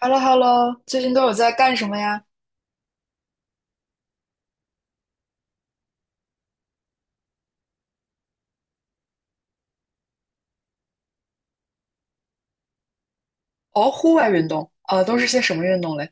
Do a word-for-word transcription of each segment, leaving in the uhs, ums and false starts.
h e l l o hello 最近都有在干什么呀？哦，户外运动，呃，都是些什么运动嘞？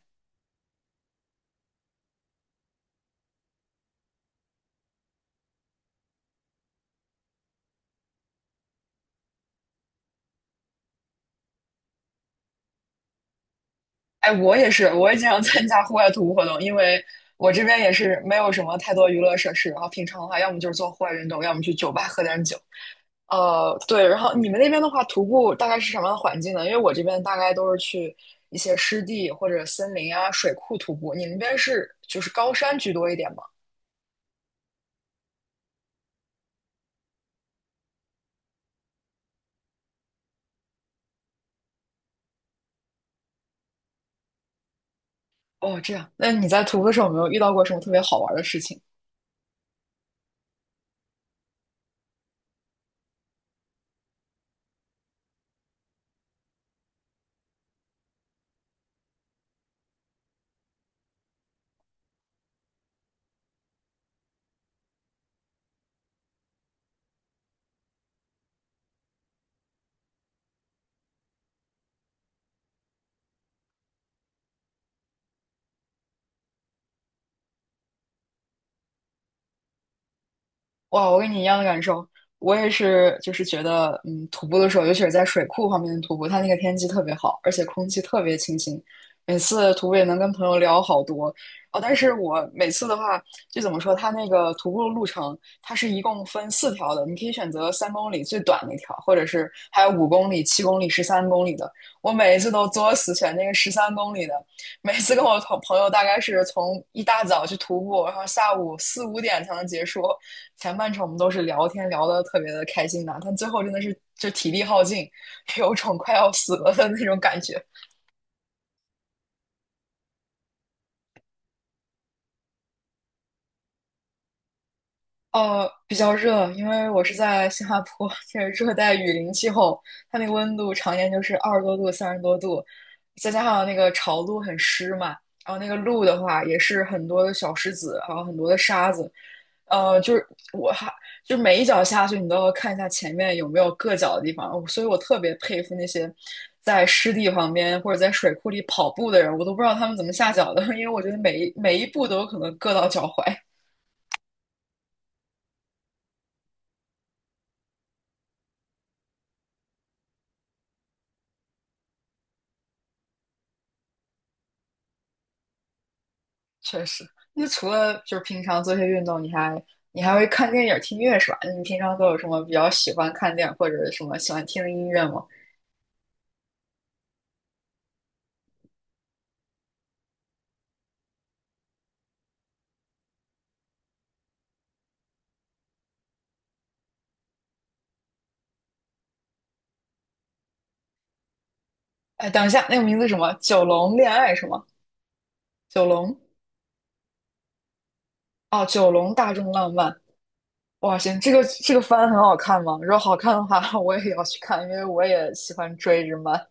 哎，我也是，我也经常参加户外徒步活动，因为我这边也是没有什么太多娱乐设施，然后平常的话，要么就是做户外运动，要么去酒吧喝点酒。呃，对，然后你们那边的话，徒步大概是什么样的环境呢？因为我这边大概都是去一些湿地或者森林啊、水库徒步，你们那边是就是高山居多一点吗？哦，这样，那你在徒步的时候有没有遇到过什么特别好玩的事情？哇，我跟你一样的感受，我也是，就是觉得，嗯，徒步的时候，尤其是在水库旁边徒步，它那个天气特别好，而且空气特别清新，每次徒步也能跟朋友聊好多。哦，但是我每次的话，就怎么说，它那个徒步的路程，它是一共分四条的，你可以选择三公里最短那条，或者是还有五公里、七公里、十三公里的。我每一次都作死选那个十三公里的，每次跟我同朋友大概是从一大早去徒步，然后下午四五点才能结束。前半程我们都是聊天聊得特别的开心的，但最后真的是就体力耗尽，有种快要死了的那种感觉。呃，比较热，因为我是在新加坡，这是热带雨林气候，它那个温度常年就是二十多度、三十多度，再加上那个潮路很湿嘛，然后那个路的话也是很多的小石子，还有很多的沙子，呃，就是我还就是每一脚下去，你都要看一下前面有没有硌脚的地方，所以我特别佩服那些在湿地旁边或者在水库里跑步的人，我都不知道他们怎么下脚的，因为我觉得每一每一步都有可能硌到脚踝。确实。那除了就是平常做些运动，你还你还会看电影、听音乐是吧？你平常都有什么比较喜欢看电影或者什么喜欢听的音乐吗？哎，等一下，那个名字什么？九龙恋爱是吗？九龙哦，九龙大众浪漫。哇，行，这个这个番很好看吗？如果好看的话，我也要去看，因为我也喜欢追日漫。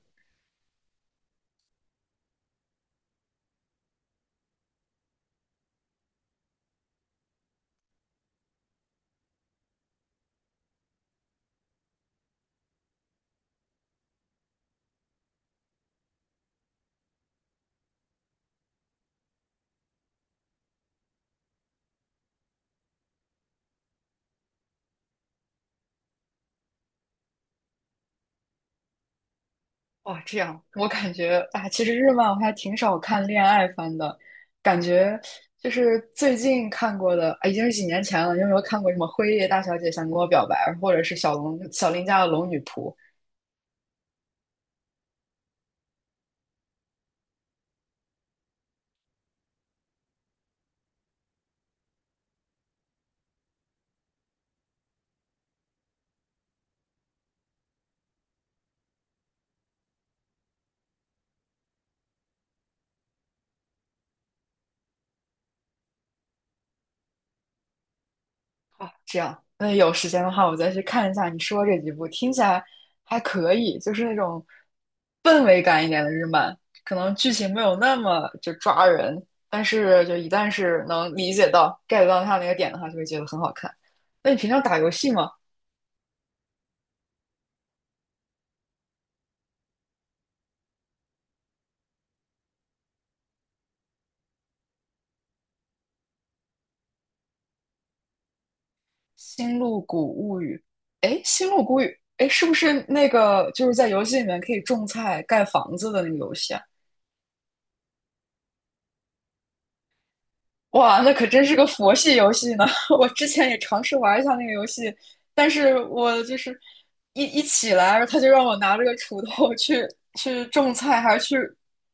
哇，这样我感觉啊，其实日漫我还挺少看恋爱番的，感觉就是最近看过的，啊，已经是几年前了。你有没有看过什么《辉夜大小姐想跟我表白》，或者是小龙小林家的《龙女仆》啊？这样，那有时间的话，我再去看一下你说这几部，听起来还可以，就是那种氛围感一点的日漫，可能剧情没有那么就抓人，但是就一旦是能理解到 get 到它那个点的话，就会觉得很好看。那你平常打游戏吗？《星露谷物语》。哎，《星露谷物语》，哎，是不是那个就是在游戏里面可以种菜、盖房子的那个游戏啊？哇，那可真是个佛系游戏呢！我之前也尝试玩一下那个游戏，但是我就是一一起来，他就让我拿着个锄头去去种菜，还是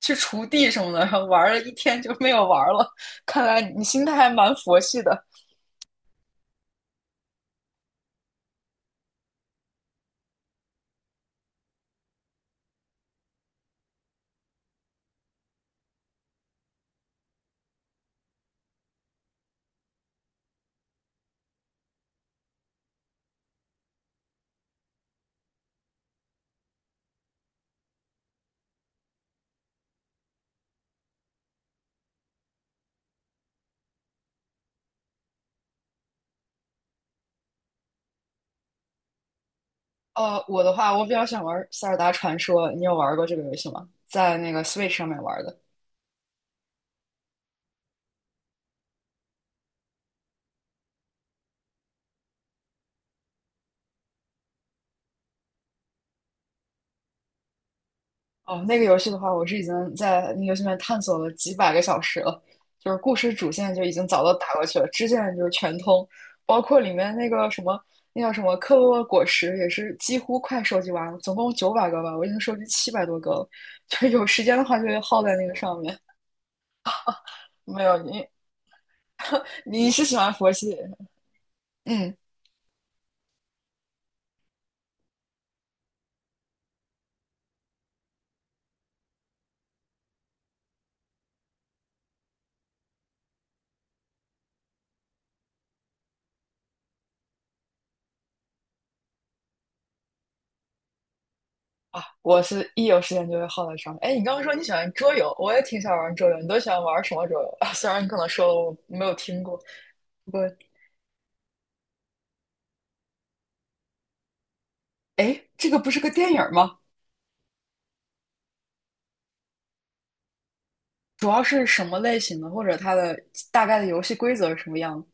去去锄地什么的，然后玩了一天就没有玩了。看来你心态还蛮佛系的。呃，我的话，我比较想玩《塞尔达传说》，你有玩过这个游戏吗？在那个 Switch 上面玩的。哦，那个游戏的话，我是已经在那个游戏里面探索了几百个小时了，就是故事主线就已经早都打过去了，支线就是全通，包括里面那个什么，那叫什么克洛沃果实，也是几乎快收集完了，总共九百个吧，我已经收集七百多个了，就是有时间的话就会耗在那个上面。没有你，你是喜欢佛系？嗯，啊，我是一有时间就会耗在上面。哎，你刚刚说你喜欢桌游，我也挺喜欢玩桌游，你都喜欢玩什么桌游？啊虽然你可能说了我没有听过，不过。哎，这个不是个电影儿吗？主要是什么类型的，或者它的大概的游戏规则是什么样的？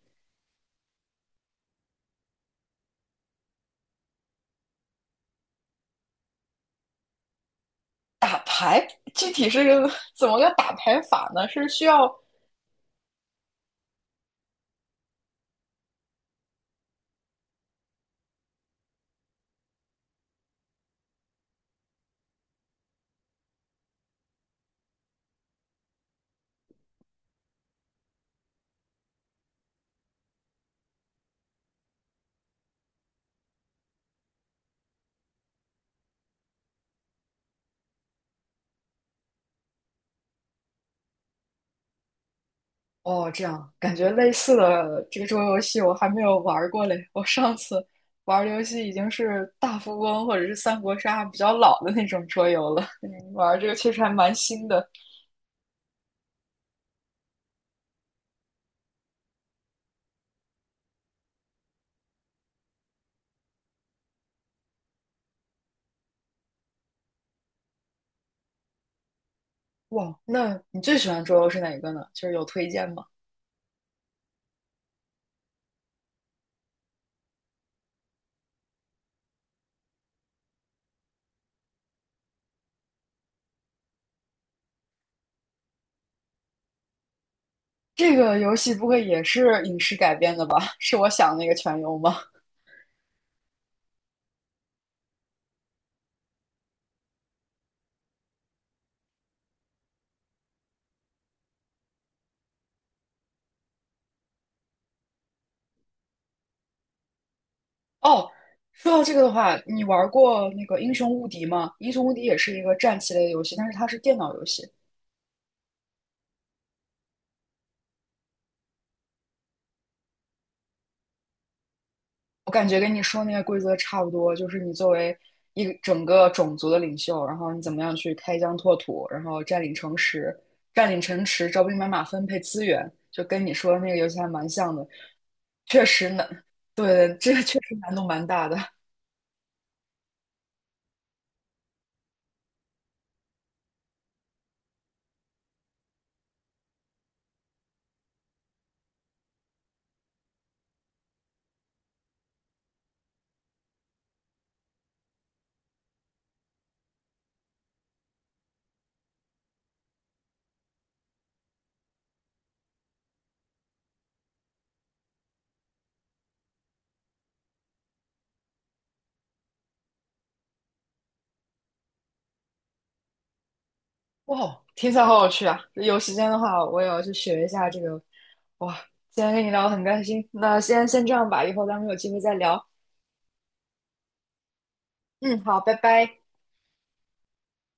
打牌具体是个怎么个打牌法呢？是需要哦，这样感觉类似的这个桌游戏我还没有玩儿过嘞。我上次玩儿的游戏已经是大富翁或者是三国杀比较老的那种桌游了，嗯，玩儿这个确实还蛮新的。哇，那你最喜欢桌游是哪个呢？就是有推荐吗？这个游戏不会也是影视改编的吧？是我想的那个全游吗？哦，说到这个的话，你玩过那个《英雄无敌》吗？《英雄无敌》也是一个战棋类的游戏，但是它是电脑游戏。我感觉跟你说那个规则差不多，就是你作为一个整个种族的领袖，然后你怎么样去开疆拓土，然后占领城池，占领城池，招兵买马，分配资源，就跟你说的那个游戏还蛮像的。确实难，对，这个确实难度蛮大的。哇，听起来好有趣啊！有时间的话，我也要去学一下这个。哇，今天跟你聊得很开心，那先先这样吧，以后咱们有机会再聊。嗯，好，拜拜。